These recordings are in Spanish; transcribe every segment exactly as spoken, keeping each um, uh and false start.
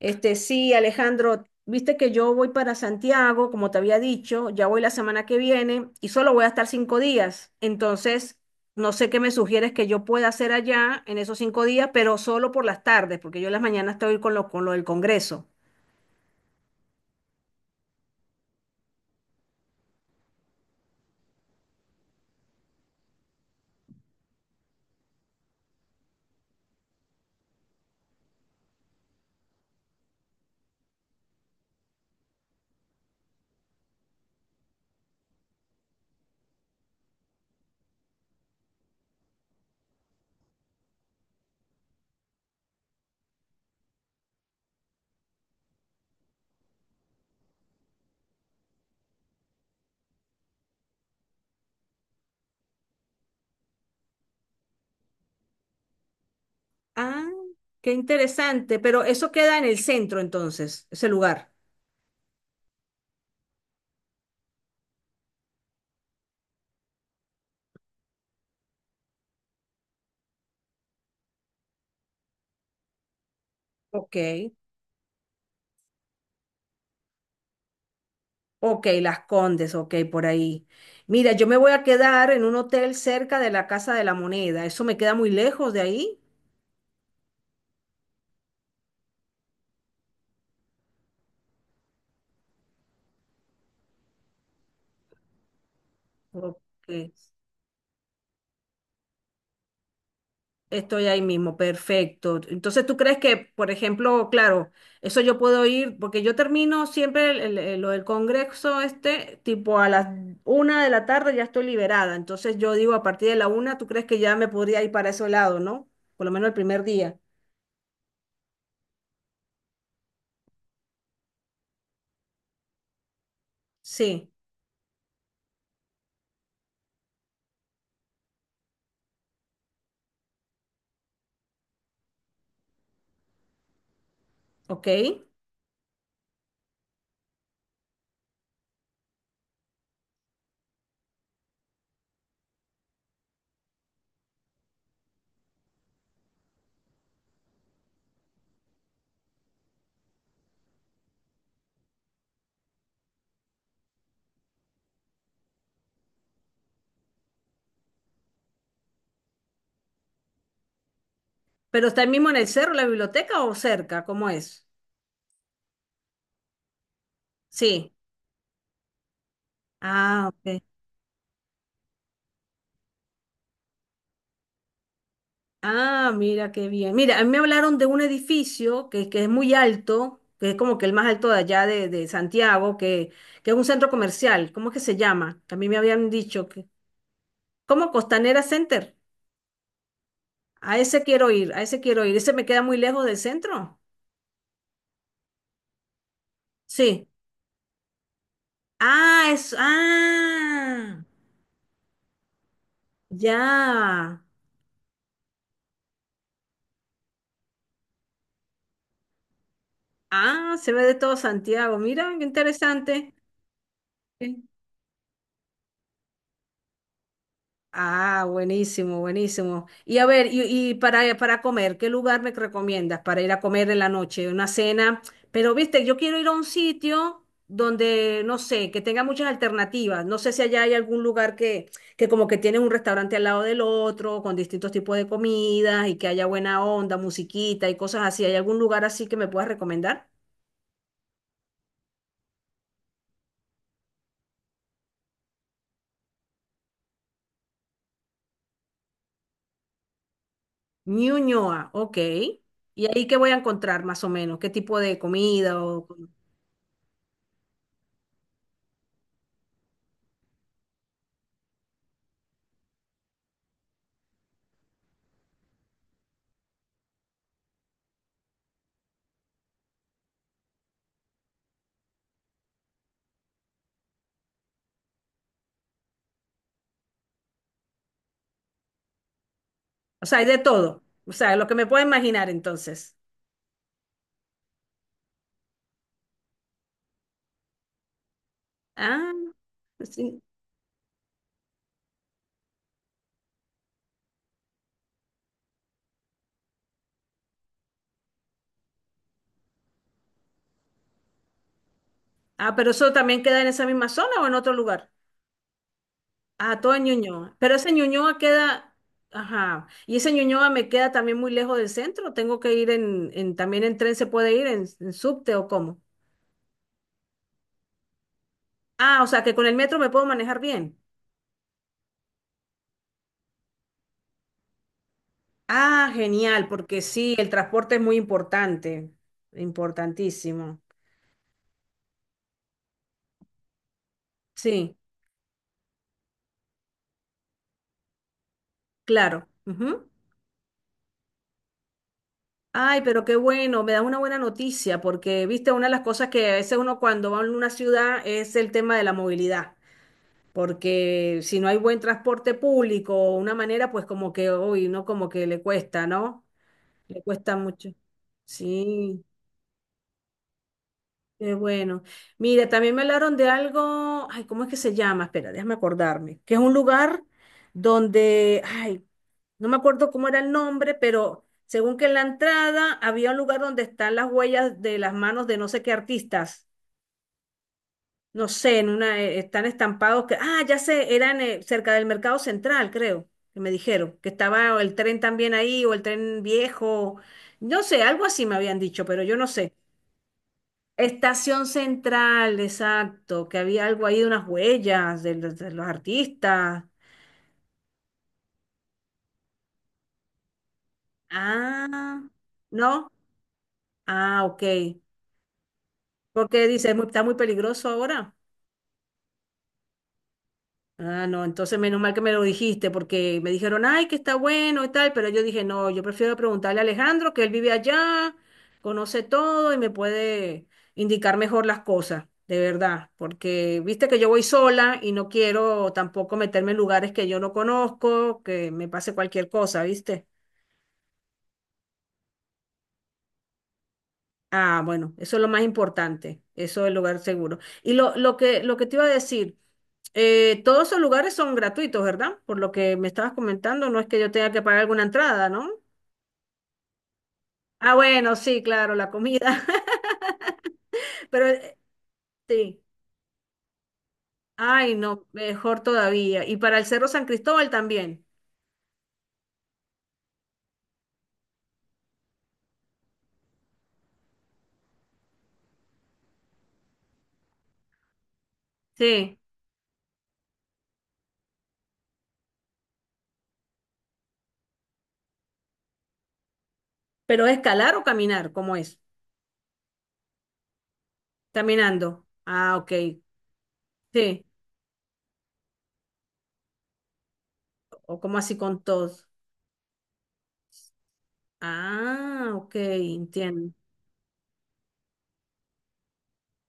Este, sí, Alejandro, viste que yo voy para Santiago, como te había dicho, ya voy la semana que viene y solo voy a estar cinco días. Entonces, no sé qué me sugieres que yo pueda hacer allá en esos cinco días, pero solo por las tardes, porque yo en las mañanas estoy con lo, con lo del Congreso. Ah, qué interesante, pero eso queda en el centro entonces, ese lugar. Ok, ok, Las Condes, ok, por ahí. Mira, yo me voy a quedar en un hotel cerca de la Casa de la Moneda, eso me queda muy lejos de ahí. Ok, Estoy ahí mismo, perfecto. Entonces, ¿tú crees que, por ejemplo, claro, eso yo puedo ir, porque yo termino siempre el- el- el- lo del congreso este, tipo a las una de la tarde ya estoy liberada. Entonces, yo digo, a partir de la una, ¿tú crees que ya me podría ir para ese lado, no? Por lo menos el primer día. Sí, ok. ¿Pero está ahí mismo en el cerro, la biblioteca o cerca? ¿Cómo es? Sí. Ah, ok. Ah, mira qué bien. Mira, a mí me hablaron de un edificio que, que es muy alto, que es como que el más alto de allá de, de Santiago, que, que es un centro comercial. ¿Cómo es que se llama? Que a mí me habían dicho que. ¿Cómo? Costanera Center. A ese quiero ir, a ese quiero ir. ¿Ese me queda muy lejos del centro? Sí. Ah, es. Ah, ya. Ah, se ve de todo Santiago. Mira, qué interesante. Ah, buenísimo, buenísimo. Y a ver, y, y para, para comer, ¿qué lugar me recomiendas para ir a comer en la noche? Una cena. Pero, viste, yo quiero ir a un sitio donde, no sé, que tenga muchas alternativas. No sé si allá hay algún lugar que, que como que tiene un restaurante al lado del otro, con distintos tipos de comidas y que haya buena onda, musiquita y cosas así. ¿Hay algún lugar así que me puedas recomendar? Ñuñoa, ok. ¿Y ahí qué voy a encontrar más o menos? ¿Qué tipo de comida o...? O sea, hay de todo. O sea, lo que me puedo imaginar entonces. Ah, sí. Ah, pero eso también queda en esa misma zona o en otro lugar. Ah, todo en Ñuñoa. Pero ese Ñuñoa queda, ajá. Y ese Ñuñoa me queda también muy lejos del centro. Tengo que ir en, en- también en tren se puede ir, en, en subte o cómo. Ah, o sea, que con el metro me puedo manejar bien. Ah, genial, porque sí, el transporte es muy importante, importantísimo. Sí, claro. Ujú. Ay, pero qué bueno, me da una buena noticia, porque viste, una de las cosas que a veces uno cuando va a una ciudad es el tema de la movilidad, porque si no hay buen transporte público o una manera, pues como que, uy, no, como que le cuesta, ¿no? Le cuesta mucho. Sí. Qué bueno. Mira, también me hablaron de algo, ay, ¿cómo es que se llama? Espera, déjame acordarme, que es un lugar donde, ay, no me acuerdo cómo era el nombre, pero según que en la entrada había un lugar donde están las huellas de las manos de no sé qué artistas, no sé, en una, eh, están estampados que, ah, ya sé, eran eh, cerca del Mercado Central, creo, que me dijeron, que estaba el tren también ahí o el tren viejo, no sé, algo así me habían dicho, pero yo no sé. Estación Central, exacto, que había algo ahí de unas huellas de los, de los, artistas. Ah, ¿no? Ah, ok. Porque dice, "Es muy- está muy peligroso ahora." Ah, no, entonces menos mal que me lo dijiste, porque me dijeron, ay, que está bueno y tal, pero yo dije, no, yo prefiero preguntarle a Alejandro, que él vive allá, conoce todo y me puede indicar mejor las cosas, de verdad, porque viste que yo voy sola y no quiero tampoco meterme en lugares que yo no conozco, que me pase cualquier cosa, ¿viste? Ah, bueno, eso es lo más importante, eso del lugar seguro. Y lo, lo que, lo que te iba a decir, eh, todos esos lugares son gratuitos, ¿verdad? Por lo que me estabas comentando, no es que yo tenga que pagar alguna entrada, ¿no? Ah, bueno, sí, claro, la comida. Pero eh, sí, ay, no, mejor todavía. Y para el Cerro San Cristóbal también. Sí, pero escalar o caminar, ¿cómo es? Caminando. Ah, ok. Sí, o como así con todos. Ah, ok, entiendo.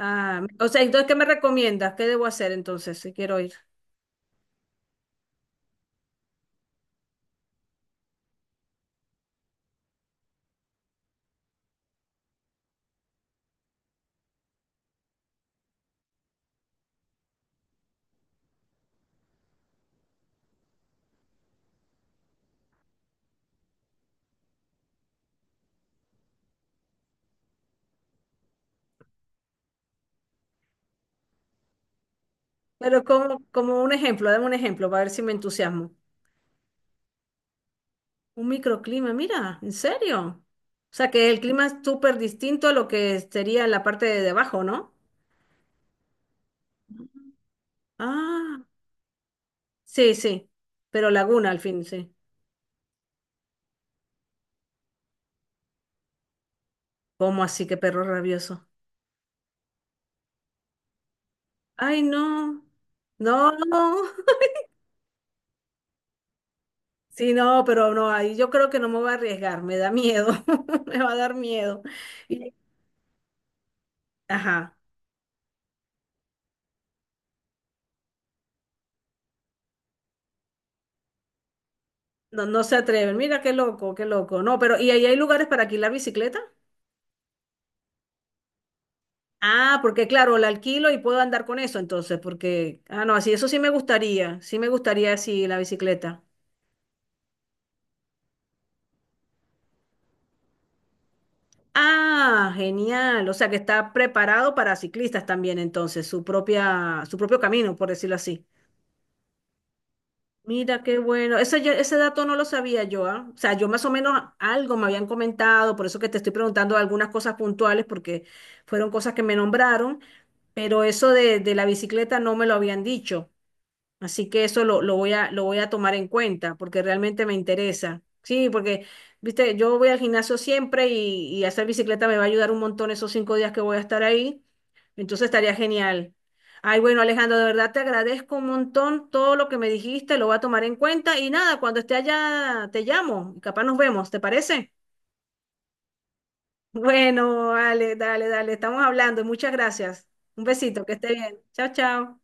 Ah, o sea, entonces, ¿qué me recomiendas? ¿Qué debo hacer entonces si quiero ir? Pero como, como un ejemplo, dame un ejemplo para ver si me entusiasmo. Un microclima, mira, ¿en serio? O sea, que el clima es súper distinto a lo que sería en la parte de debajo, ¿no? Ah, sí, sí, pero laguna al fin, sí. ¿Cómo así que perro rabioso? Ay, no, no, no. Sí, no, pero no, ahí yo creo que no me voy a arriesgar, me da miedo, me va a dar miedo. Y- Ajá. No, no se atreven. Mira qué loco, qué loco. No, pero ¿y ahí hay lugares para alquilar bicicleta? Ah, porque claro, la alquilo y puedo andar con eso entonces, porque, ah, no, así, eso sí me gustaría, sí me gustaría así la bicicleta. Ah, genial. O sea que está preparado para ciclistas también entonces, su propia, su propio camino, por decirlo así. Mira, qué bueno. Ese, yo- ese dato no lo sabía yo, ¿ah? O sea, yo más o menos algo me habían comentado, por eso que te estoy preguntando algunas cosas puntuales, porque fueron cosas que me nombraron, pero eso de, de la bicicleta no me lo habían dicho. Así que eso lo, lo voy a, lo voy a tomar en cuenta porque realmente me interesa. Sí, porque, viste, yo voy al gimnasio siempre y, y hacer bicicleta me va a ayudar un montón esos cinco días que voy a estar ahí. Entonces estaría genial. Ay, bueno, Alejandro, de verdad te agradezco un montón todo lo que me dijiste, lo voy a tomar en cuenta y nada, cuando esté allá te llamo y capaz nos vemos, ¿te parece? Bueno, dale, dale, dale, estamos hablando. Muchas gracias. Un besito, que esté bien. Chao, chao.